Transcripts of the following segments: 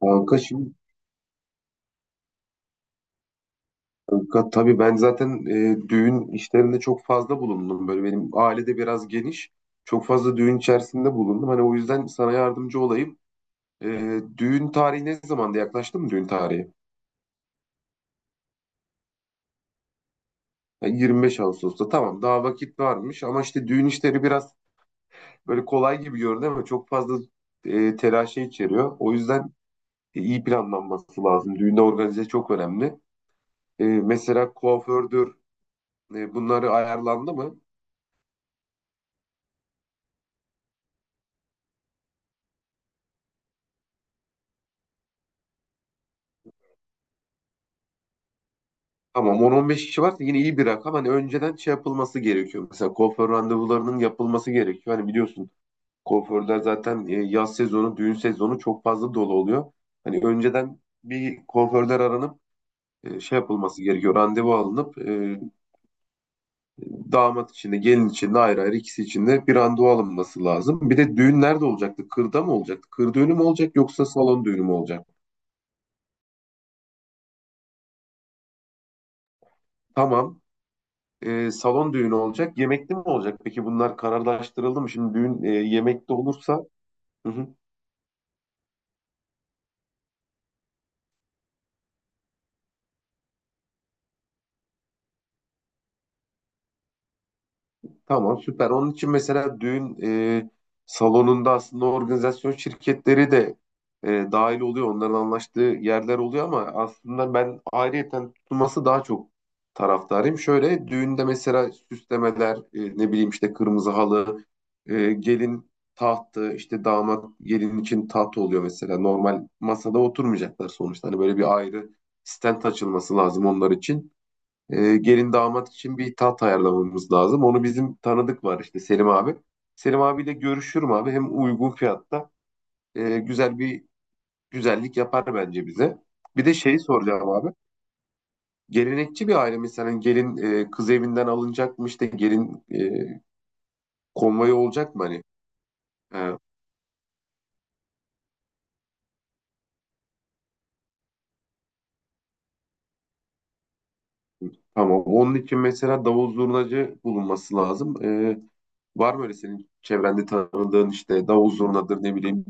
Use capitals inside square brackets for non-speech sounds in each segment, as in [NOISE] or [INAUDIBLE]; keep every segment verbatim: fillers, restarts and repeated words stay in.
Kanka şimdi, kanka, tabii ben zaten e, düğün işlerinde çok fazla bulundum. Böyle benim aile de biraz geniş. Çok fazla düğün içerisinde bulundum. Hani o yüzden sana yardımcı olayım. E, düğün tarihi ne zamanda, yaklaştı mı düğün tarihi? Yani yirmi beş Ağustos'ta, tamam, daha vakit varmış ama işte düğün işleri biraz böyle kolay gibi görünüyor ama çok fazla e, telaşı içeriyor. O yüzden e, iyi planlanması lazım. Düğünde organize çok önemli. E, mesela kuafördür, e, bunları ayarlandı mı? Tamam, on, on beş kişi varsa yine iyi bir rakam. Hani önceden şey yapılması gerekiyor. Mesela kuaför randevularının yapılması gerekiyor. Hani biliyorsun, kuaförler zaten e, yaz sezonu, düğün sezonu çok fazla dolu oluyor. Hani önceden bir kuaförler aranıp e, şey yapılması gerekiyor. Randevu alınıp e, damat için de gelin için de ayrı ayrı ikisi için de bir randevu alınması lazım. Bir de düğün nerede olacaktı? Kırda mı olacaktı? Kır düğünü mü olacak yoksa salon düğünü mü olacak? Tamam. E, salon düğünü olacak. Yemekli mi olacak? Peki bunlar kararlaştırıldı mı? Şimdi düğün e, yemekli olursa... Hı hı. Tamam, süper. Onun için mesela düğün e, salonunda aslında organizasyon şirketleri de e, dahil oluyor. Onların anlaştığı yerler oluyor ama aslında ben ayrıyeten tutulması daha çok taraftarıyım. Şöyle düğünde mesela süslemeler, e, ne bileyim işte kırmızı halı, e, gelin tahtı, işte damat gelin için taht oluyor mesela. Normal masada oturmayacaklar sonuçta. Hani böyle bir ayrı stent açılması lazım onlar için, e, gelin damat için bir taht ayarlamamız lazım. Onu bizim tanıdık var, işte Selim abi. Selim abiyle görüşürüm abi. Hem uygun fiyatta e, güzel bir güzellik yapar bence bize. Bir de şeyi soracağım abi. Gelenekçi bir aile mi? Hani gelin, e, kız evinden alınacak mı? İşte gelin, e, konvoyu olacak mı hani? E, tamam. Onun için mesela davul zurnacı bulunması lazım. E, var mı öyle senin çevrende tanıdığın, işte davul zurnadır ne bileyim.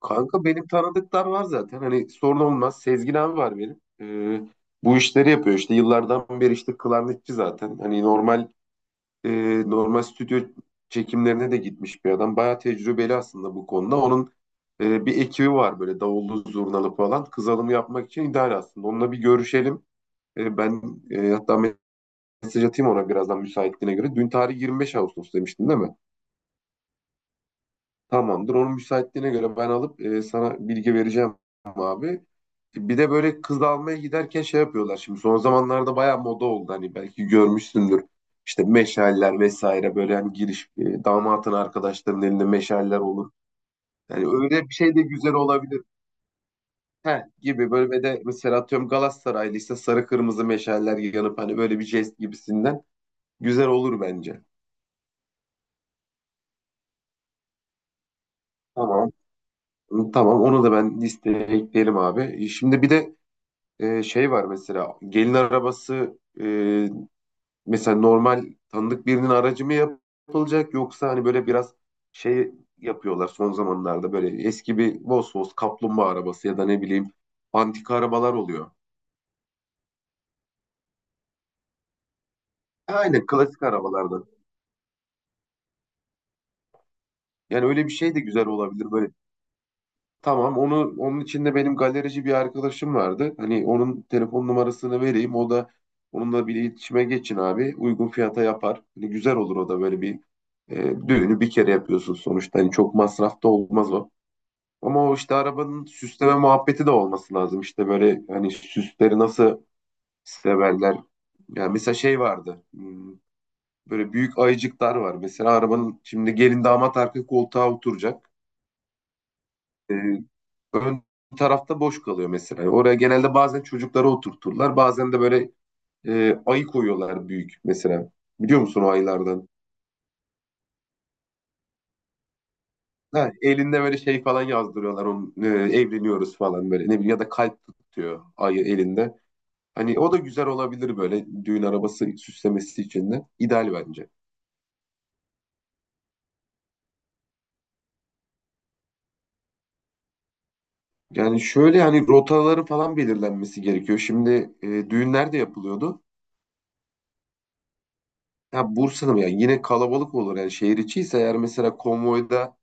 Kanka, benim tanıdıklar var zaten. Hani sorun olmaz. Sezgin abi var benim. Ee, bu işleri yapıyor işte. Yıllardan beri işte klarnetçi zaten. Hani normal, e, normal stüdyo çekimlerine de gitmiş bir adam. Bayağı tecrübeli aslında bu konuda. Onun e, bir ekibi var böyle davullu zurnalı falan. Kız alımı yapmak için ideal aslında. Onunla bir görüşelim. E, ben e, hatta mesaj atayım ona birazdan müsaitliğine göre. Dün tarih yirmi beş Ağustos demiştin değil mi? Tamamdır. Onun müsaitliğine göre ben alıp e, sana bilgi vereceğim abi. Bir de böyle kız almaya giderken şey yapıyorlar şimdi. Son zamanlarda bayağı moda oldu. Hani belki görmüşsündür. İşte meşaller vesaire, böyle hani giriş, e, damatın arkadaşlarının elinde meşaller olur. Yani öyle bir şey de güzel olabilir. Heh, gibi böyle, ve de mesela atıyorum Galatasaraylıysa sarı kırmızı meşaller yanıp hani böyle bir jest gibisinden güzel olur bence. Tamam. Tamam, onu da ben listeye ekleyelim abi. E, Şimdi bir de Ee, şey var, mesela gelin arabası, e, mesela normal tanıdık birinin aracı mı yapılacak, yoksa hani böyle biraz şey yapıyorlar son zamanlarda, böyle eski bir Vosvos kaplumbağa arabası ya da ne bileyim antika arabalar oluyor. Aynen, klasik arabalardan. Yani öyle bir şey de güzel olabilir böyle. Tamam, onu, onun içinde benim galerici bir arkadaşım vardı. Hani onun telefon numarasını vereyim. O da, onunla bir iletişime geçin abi. Uygun fiyata yapar. Hani güzel olur o da. Böyle bir e, düğünü bir kere yapıyorsun sonuçta. Hani çok masrafta olmaz o. Ama o işte arabanın süsleme muhabbeti de olması lazım. İşte böyle hani süsleri nasıl severler. Yani mesela şey vardı. hmm, Böyle büyük ayıcıklar var. Mesela arabanın, şimdi gelin damat arka koltuğa oturacak, e, ön tarafta boş kalıyor mesela. Oraya genelde bazen çocukları oturturlar. Bazen de böyle e, ayı koyuyorlar, büyük mesela. Biliyor musun o ayılardan? Ha, elinde böyle şey falan yazdırıyorlar. Onun, e, evleniyoruz falan böyle. Ne bileyim, ya da kalp tutuyor ayı elinde. Hani o da güzel olabilir böyle düğün arabası süslemesi için de. İdeal bence. Yani şöyle hani rotaların falan belirlenmesi gerekiyor. Şimdi e, düğünler de yapılıyordu. Ya, Bursa'da mı? Yani yine kalabalık olur. Yani şehir içi ise eğer, mesela konvoyda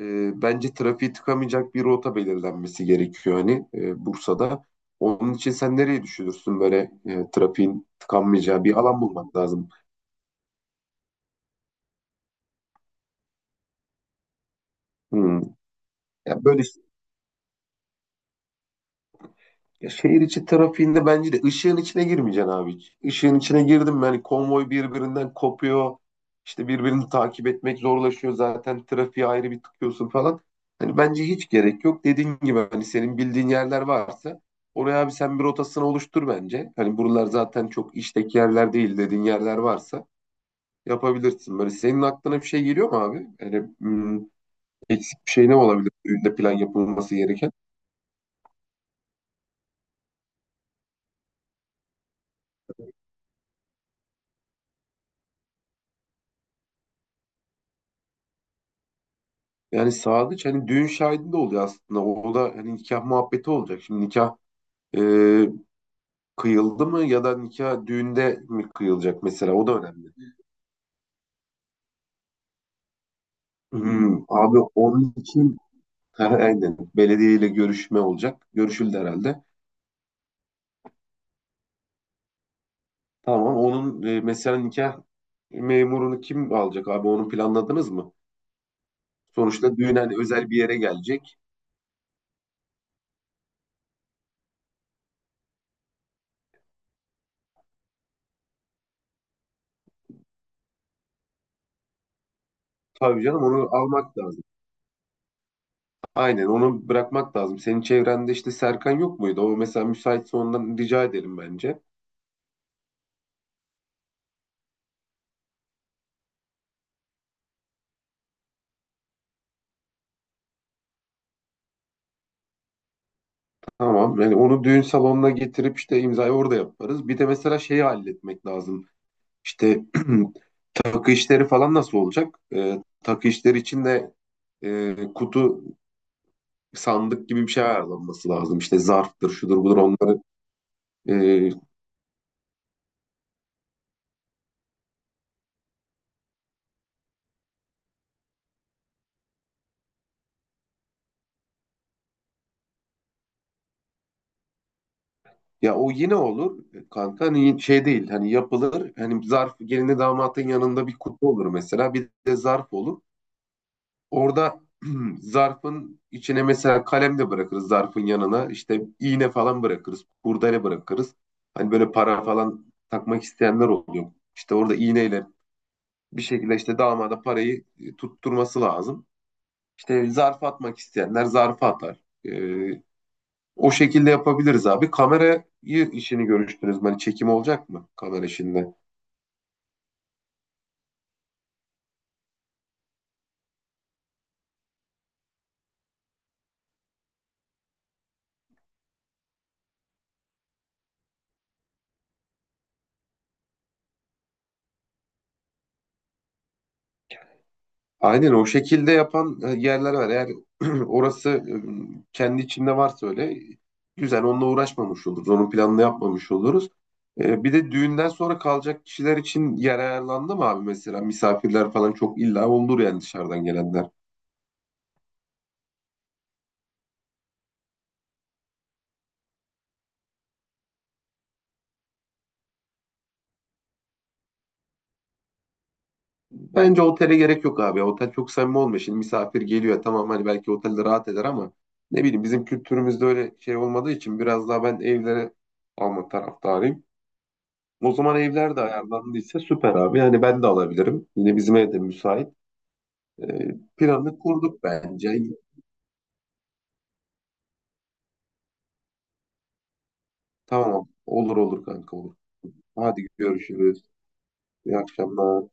e, bence trafiği tıkamayacak bir rota belirlenmesi gerekiyor hani, e, Bursa'da. Onun için sen nereyi düşünürsün? Böyle e, trafiğin tıkanmayacağı bir alan bulmak lazım. Hmm. Ya böyle, ya şehir içi trafiğinde bence de ışığın içine girmeyeceksin abi hiç. Işığın içine girdim mi hani konvoy birbirinden kopuyor. İşte birbirini takip etmek zorlaşıyor zaten. Trafiğe ayrı bir tıkıyorsun falan. Hani bence hiç gerek yok. Dediğin gibi hani senin bildiğin yerler varsa, oraya abi sen bir rotasını oluştur bence. Hani buralar zaten çok işteki yerler değil, dediğin yerler varsa yapabilirsin. Böyle senin aklına bir şey geliyor mu abi? Yani hmm, eksik bir şey ne olabilir? Düğünde plan yapılması gereken. Yani sadıç hani düğün şahidi de oluyor aslında. O da, hani nikah muhabbeti olacak. Şimdi nikah e, kıyıldı mı ya da nikah düğünde mi kıyılacak mesela, o da önemli. Hmm, abi onun için [LAUGHS] Ha, aynen, belediyeyle görüşme olacak. Görüşüldü herhalde. Tamam, onun e, mesela nikah memurunu kim alacak abi, onu planladınız mı? Sonuçta düğün hani özel bir yere gelecek. Tabii canım, onu almak lazım. Aynen, onu bırakmak lazım. Senin çevrende işte Serkan yok muydu? O mesela müsaitse ondan rica edelim bence. Tamam. Yani onu düğün salonuna getirip işte imzayı orada yaparız. Bir de mesela şeyi halletmek lazım. İşte [CLEARS THROAT] takı işleri falan nasıl olacak? Ee, takı işleri için de e, kutu sandık gibi bir şey ayarlanması lazım. İşte zarftır, şudur budur onları. Ee, ya o yine olur kanka. Hani şey değil. Hani yapılır. Hani zarf, gelinle damatın yanında bir kutu olur mesela. Bir de zarf olur. Orada [CLEARS THROAT] zarfın içine mesela kalem de bırakırız zarfın yanına. İşte iğne falan bırakırız. Kurdele bırakırız. Hani böyle para falan takmak isteyenler oluyor. İşte orada iğneyle bir şekilde işte damada parayı e, tutturması lazım. İşte zarf atmak isteyenler zarfı atar. Ee, O şekilde yapabiliriz abi. Kamerayı işini görüştünüz mü? Hani çekim olacak mı kamera işinde? Aynen, o şekilde yapan e, yerler var. Eğer [CLEARS THROAT] orası e, kendi içinde varsa, öyle güzel, onunla uğraşmamış oluruz. Onun planını yapmamış oluruz. E, Bir de düğünden sonra kalacak kişiler için yer ayarlandı mı abi mesela? Misafirler falan çok illa olur yani, dışarıdan gelenler. Bence otele gerek yok abi. Otel çok samimi olmuyor. Şimdi misafir geliyor, tamam, hani belki otelde rahat eder ama ne bileyim, bizim kültürümüzde öyle şey olmadığı için biraz daha ben evlere alma taraftarıyım. O zaman evler de ayarlandıysa süper abi. Yani ben de alabilirim. Yine bizim ev de müsait. Ee, planını kurduk bence. Tamam, olur olur kanka, olur. Hadi görüşürüz. İyi akşamlar.